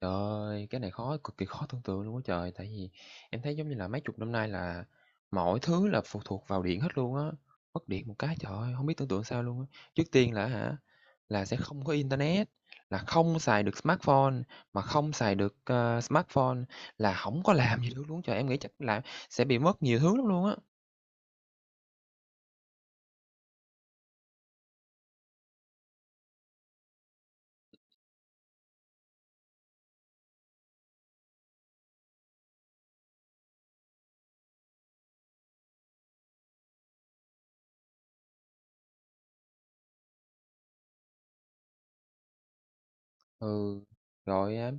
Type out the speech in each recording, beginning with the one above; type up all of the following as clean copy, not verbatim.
Trời ơi, cái này khó cực kỳ khó tưởng tượng luôn á trời, tại vì em thấy giống như là mấy chục năm nay là mọi thứ là phụ thuộc vào điện hết luôn á. Mất điện một cái trời ơi, hông biết tưởng tượng sao luôn á. Trước tiên là hả, là sẽ không có internet, là không xài được smartphone, mà không xài được, smartphone là không có làm gì được luôn trời. Em nghĩ chắc là sẽ bị mất nhiều thứ lắm luôn á. Ừ, rồi, à,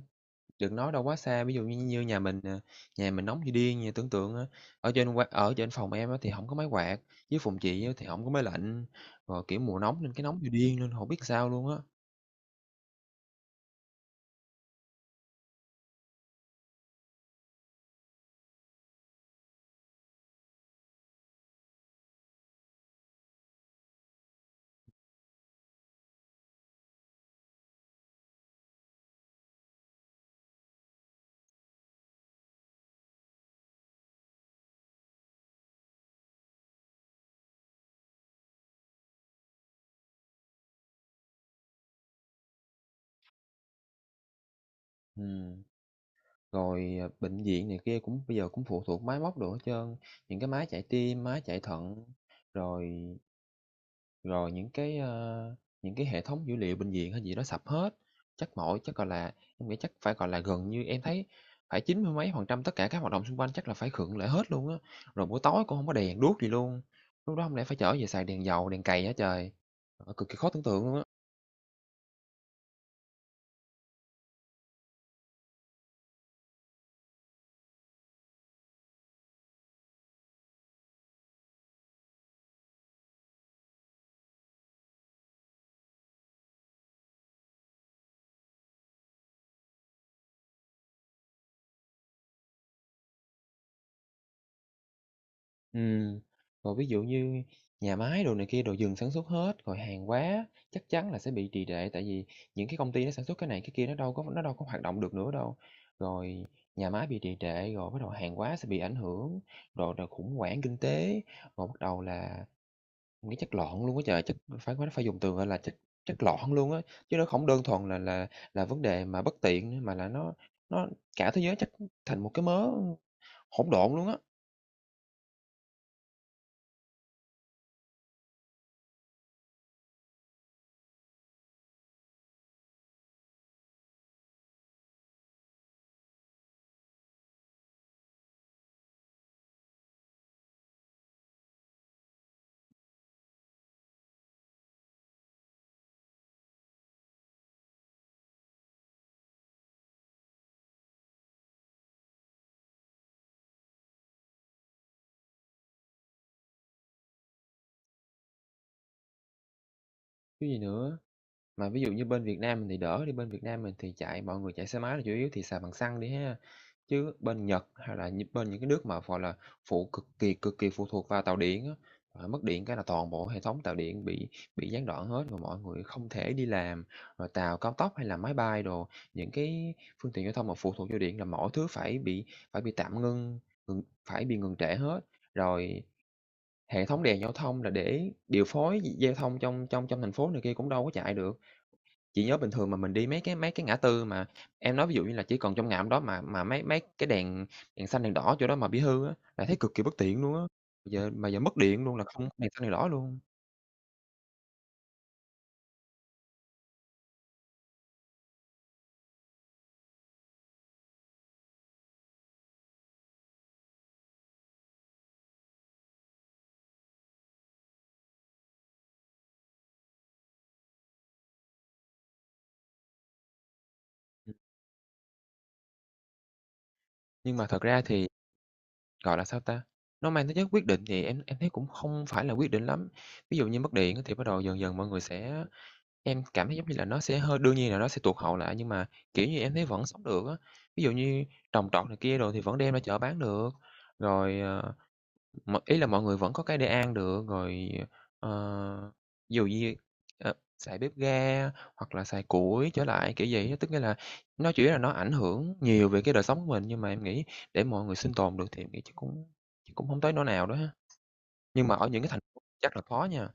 đừng nói đâu quá xa, ví dụ như như nhà mình nè, nhà mình nóng như điên nha. Tưởng tượng á, ở trên qua ở trên phòng em á thì không có máy quạt, với phòng chị á thì không có máy lạnh, rồi, kiểu, mùa nóng nên cái nóng như điên nên không biết sao luôn á. Ừm, Rồi, à, bệnh viện này kia cũng bây giờ cũng phụ thuộc máy móc đồ hết trơn, những cái máy chạy tim, máy chạy thận, rồi rồi những cái, những cái hệ thống dữ liệu bệnh viện hay gì đó sập hết. Gọi là, em nghĩ chắc phải, gọi là, gần như em thấy phải chín mươi mấy phần trăm tất cả các hoạt động xung quanh chắc là phải khựng lại hết luôn á. Rồi buổi tối cũng không có đèn đuốc gì luôn, lúc đó không lẽ phải trở về xài đèn dầu, đèn cầy hả trời? Ờ, cực kỳ khó tưởng tượng luôn á. Ừm, Rồi ví dụ như nhà máy đồ này kia đồ dừng sản xuất hết, rồi hàng hóa chắc chắn là sẽ bị trì trệ, tại vì những cái công ty nó sản xuất cái này cái kia nó đâu có hoạt động được nữa đâu. Rồi nhà máy bị trì trệ rồi bắt đầu hàng hóa sẽ bị ảnh hưởng, rồi rồi khủng hoảng kinh tế, rồi bắt đầu là nghĩ chất lọn luôn á trời, chất phải phải phải dùng từ, gọi là, chất chất lọn luôn á, chứ nó không đơn thuần là là vấn đề mà bất tiện nữa, mà là nó cả thế giới chắc thành một cái mớ hỗn độn luôn á. Cái gì nữa. Mà ví dụ như bên Việt Nam mình thì đỡ đi, bên Việt Nam mình thì chạy mọi người chạy xe máy là chủ yếu thì xài bằng xăng đi ha. Chứ bên Nhật hay là như bên những cái nước mà, gọi là, phụ cực kỳ phụ thuộc vào tàu điện á, ờ, mất điện cái là toàn bộ hệ thống tàu điện bị gián đoạn hết và mọi người không thể đi làm. Rồi tàu cao tốc hay là máy bay đồ, những cái phương tiện giao thông mà phụ thuộc vào điện là mọi thứ phải bị tạm ngưng, phải bị ngừng trệ hết. Rồi hệ thống đèn giao thông là để điều phối giao thông trong trong trong thành phố này kia cũng đâu có chạy được. Chị nhớ bình thường mà mình đi mấy cái ngã tư mà em nói ví dụ như là chỉ còn trong ngã hôm đó mà mấy mấy cái đèn đèn xanh, đèn đỏ chỗ đó mà bị hư á, là thấy cực kỳ bất tiện luôn á. Giờ mất điện luôn là không có đèn xanh, đèn đỏ luôn. Nhưng mà thật ra thì, gọi là, sao ta, nó mang tính chất quyết định thì em thấy cũng không phải là quyết định lắm. Ví dụ như mất điện á thì bắt đầu dần dần mọi người sẽ em cảm thấy giống như là nó sẽ hơi đương nhiên là nó sẽ tụt hậu lại, nhưng mà, kiểu như, em thấy vẫn sống được á. Ví dụ như trồng trọt này kia rồi thì vẫn đem ra chợ bán được, rồi, ờ, M ý là mọi người vẫn có cái để ăn được, rồi, ờ, ví dụ như, ờ, xài bếp ga hoặc là xài củi trở lại, kiểu gì á. Tức nghĩa là nó chỉ là nó ảnh hưởng nhiều về cái đời sống của mình, nhưng mà em nghĩ để mọi người sinh tồn được thì em nghĩ chắc cũng không tới nỗi nào đó ha. Nhưng mà ở những cái thành phố chắc là khó nha.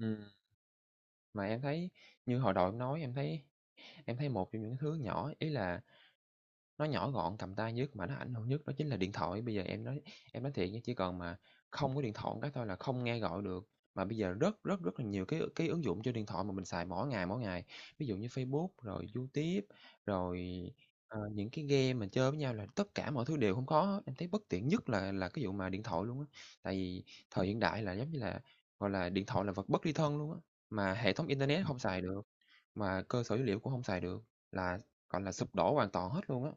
Ừm, mà em thấy như hồi đầu em nói, em thấy một trong những thứ nhỏ, ý là nó nhỏ gọn, cầm tay nhất mà nó ảnh hưởng nhất đó chính là điện thoại. Bây giờ em nói thiệt nha, chỉ cần mà không có điện thoại một cái thôi là không nghe gọi được. Mà bây giờ rất, rất, rất là nhiều cái ứng dụng cho điện thoại mà mình xài mỗi ngày, mỗi ngày. Ví dụ như Facebook, rồi YouTube, rồi, ờ, những cái game mình chơi với nhau là tất cả mọi thứ đều không có hết. Em thấy bất tiện nhất là cái vụ mà điện thoại luôn á. Tại vì thời hiện đại là giống như là, gọi là, điện thoại là vật bất ly thân luôn á, mà hệ thống internet không xài được, mà cơ sở dữ liệu cũng không xài được, là, gọi là, sụp đổ hoàn toàn hết luôn á.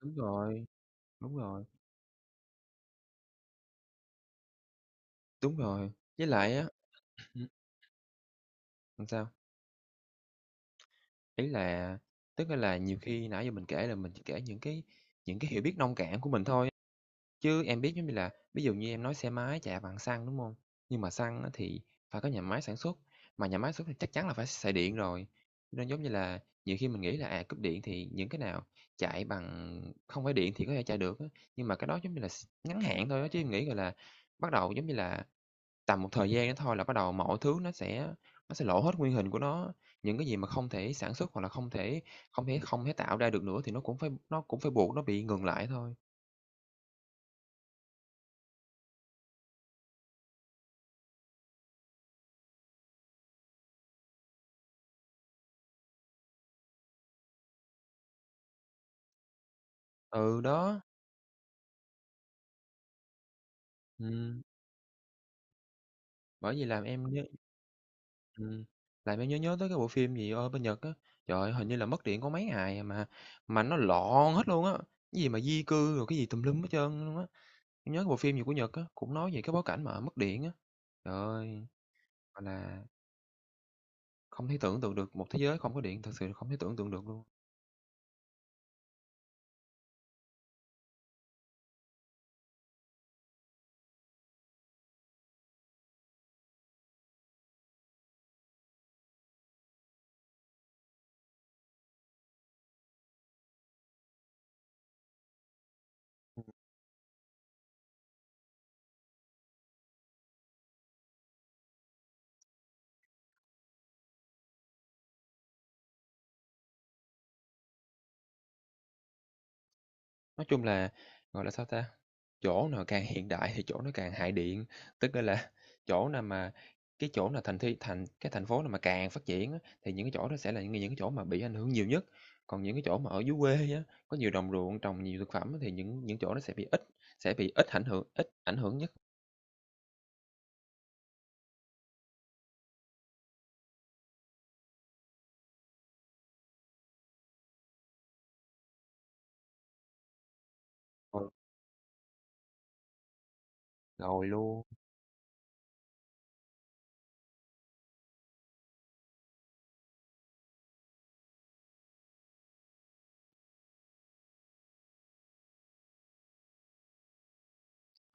Đúng rồi, đúng rồi, đúng rồi. Với lại á, làm sao? Ý là tức là nhiều khi nãy giờ mình kể là mình chỉ kể những những cái hiểu biết nông cạn của mình thôi, chứ em biết giống như là ví dụ như em nói xe máy chạy bằng xăng, đúng không? Nhưng mà xăng á thì phải có nhà máy sản xuất, mà nhà máy sản xuất thì chắc chắn là phải xài điện rồi. Cho nên giống như là nhiều khi mình nghĩ là, à, cúp điện thì những cái nào chạy bằng không phải điện thì có thể chạy được á, nhưng mà cái đó giống như là s ngắn hạn thôi á, chứ em nghĩ, gọi là, bắt đầu giống như là tầm một thời gian đó thôi là bắt đầu mọi thứ nó sẽ lộ hết nguyên hình của nó, những cái gì mà không thể sản xuất hoặc là không thể tạo ra được nữa thì nó cũng phải buộc nó bị ngừng lại thôi. Ừ, đó, ừm, bởi vì ừm, làm em nhớ nhớ tới cái bộ phim gì, ở bên Nhật á, trời ơi, hình như là mất điện có mấy ngày à mà nó loạn hết luôn á, cái gì mà di cư rồi cái gì tùm lum hết trơn luôn á. Em nhớ cái bộ phim gì của Nhật á, cũng nói về cái bối cảnh mà mất điện á. Trời ơi, gọi là không thể tưởng tượng được một thế giới không có điện, thực sự không thể tưởng tượng được luôn. Nói chung là, gọi là, sao ta, chỗ nào càng hiện đại thì chỗ nó càng hại điện, tức là chỗ nào mà cái chỗ nào thành thị thành cái thành phố nào mà càng phát triển á, thì những cái chỗ đó sẽ là những cái chỗ mà bị ảnh hưởng nhiều nhất. Còn những cái chỗ mà ở dưới quê á, có nhiều đồng ruộng trồng nhiều thực phẩm á, thì những chỗ nó sẽ bị ít ảnh hưởng nhất. Ờ, rồi luôn.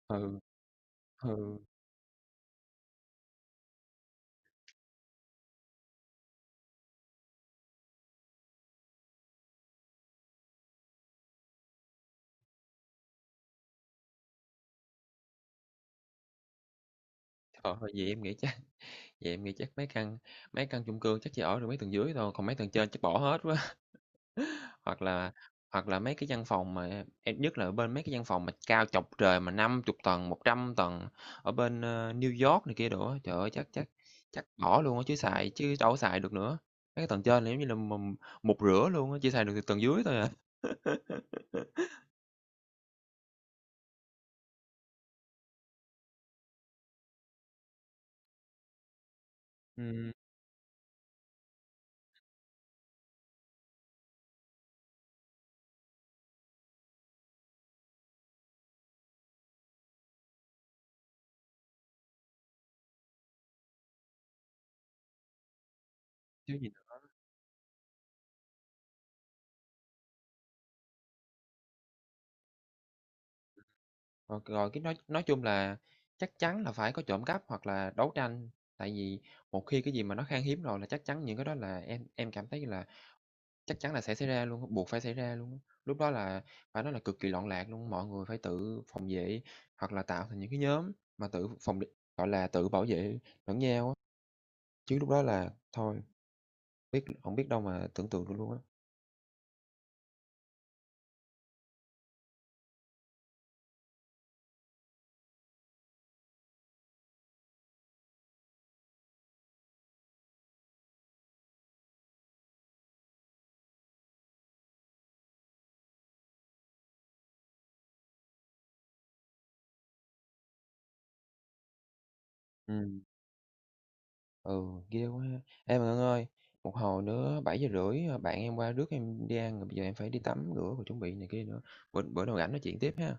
Ừ, ừ, trời ơi, vậy em nghĩ chắc Vậy em nghĩ chắc mấy căn mấy căn chung cư chắc chỉ ở được mấy tầng dưới thôi, còn mấy tầng trên chắc bỏ hết quá. Hoặc là Hoặc là mấy cái văn phòng mà em nhất là ở bên mấy cái văn phòng mà cao chọc trời mà 50 tầng, 100 tầng ở bên, New York này kia đồ á, trời ơi, chắc chắc chắc bỏ luôn á, chứ đâu có xài được nữa. Mấy cái tầng trên là giống như là mục rửa luôn á, chỉ xài được từ tầng dưới thôi à. Ừm, chứ gì. Rồi rồi cái nói chung là chắc chắn là phải có trộm cắp hoặc là đấu tranh, tại vì một khi cái gì mà nó khan hiếm rồi là chắc chắn những cái đó là em cảm thấy là chắc chắn là sẽ xảy ra luôn á, buộc phải xảy ra luôn á. Lúc đó là phải nói là cực kỳ loạn lạc luôn, mọi người phải tự phòng vệ hoặc là tạo thành những cái nhóm mà tự phòng, gọi là, tự bảo vệ lẫn nhau á, chứ lúc đó là thôi, biết hổng biết đâu mà tưởng tượng được luôn á. Ừm. Ừ, ghê quá ha. Ê mà Ngân ơi, một hồi nữa 7 giờ rưỡi ờ, bạn em qua rước em đi ăn rồi bây giờ em phải đi tắm rửa và chuẩn bị này kia nữa. Bữa Bữa nào rảnh nói chuyện tiếp ha.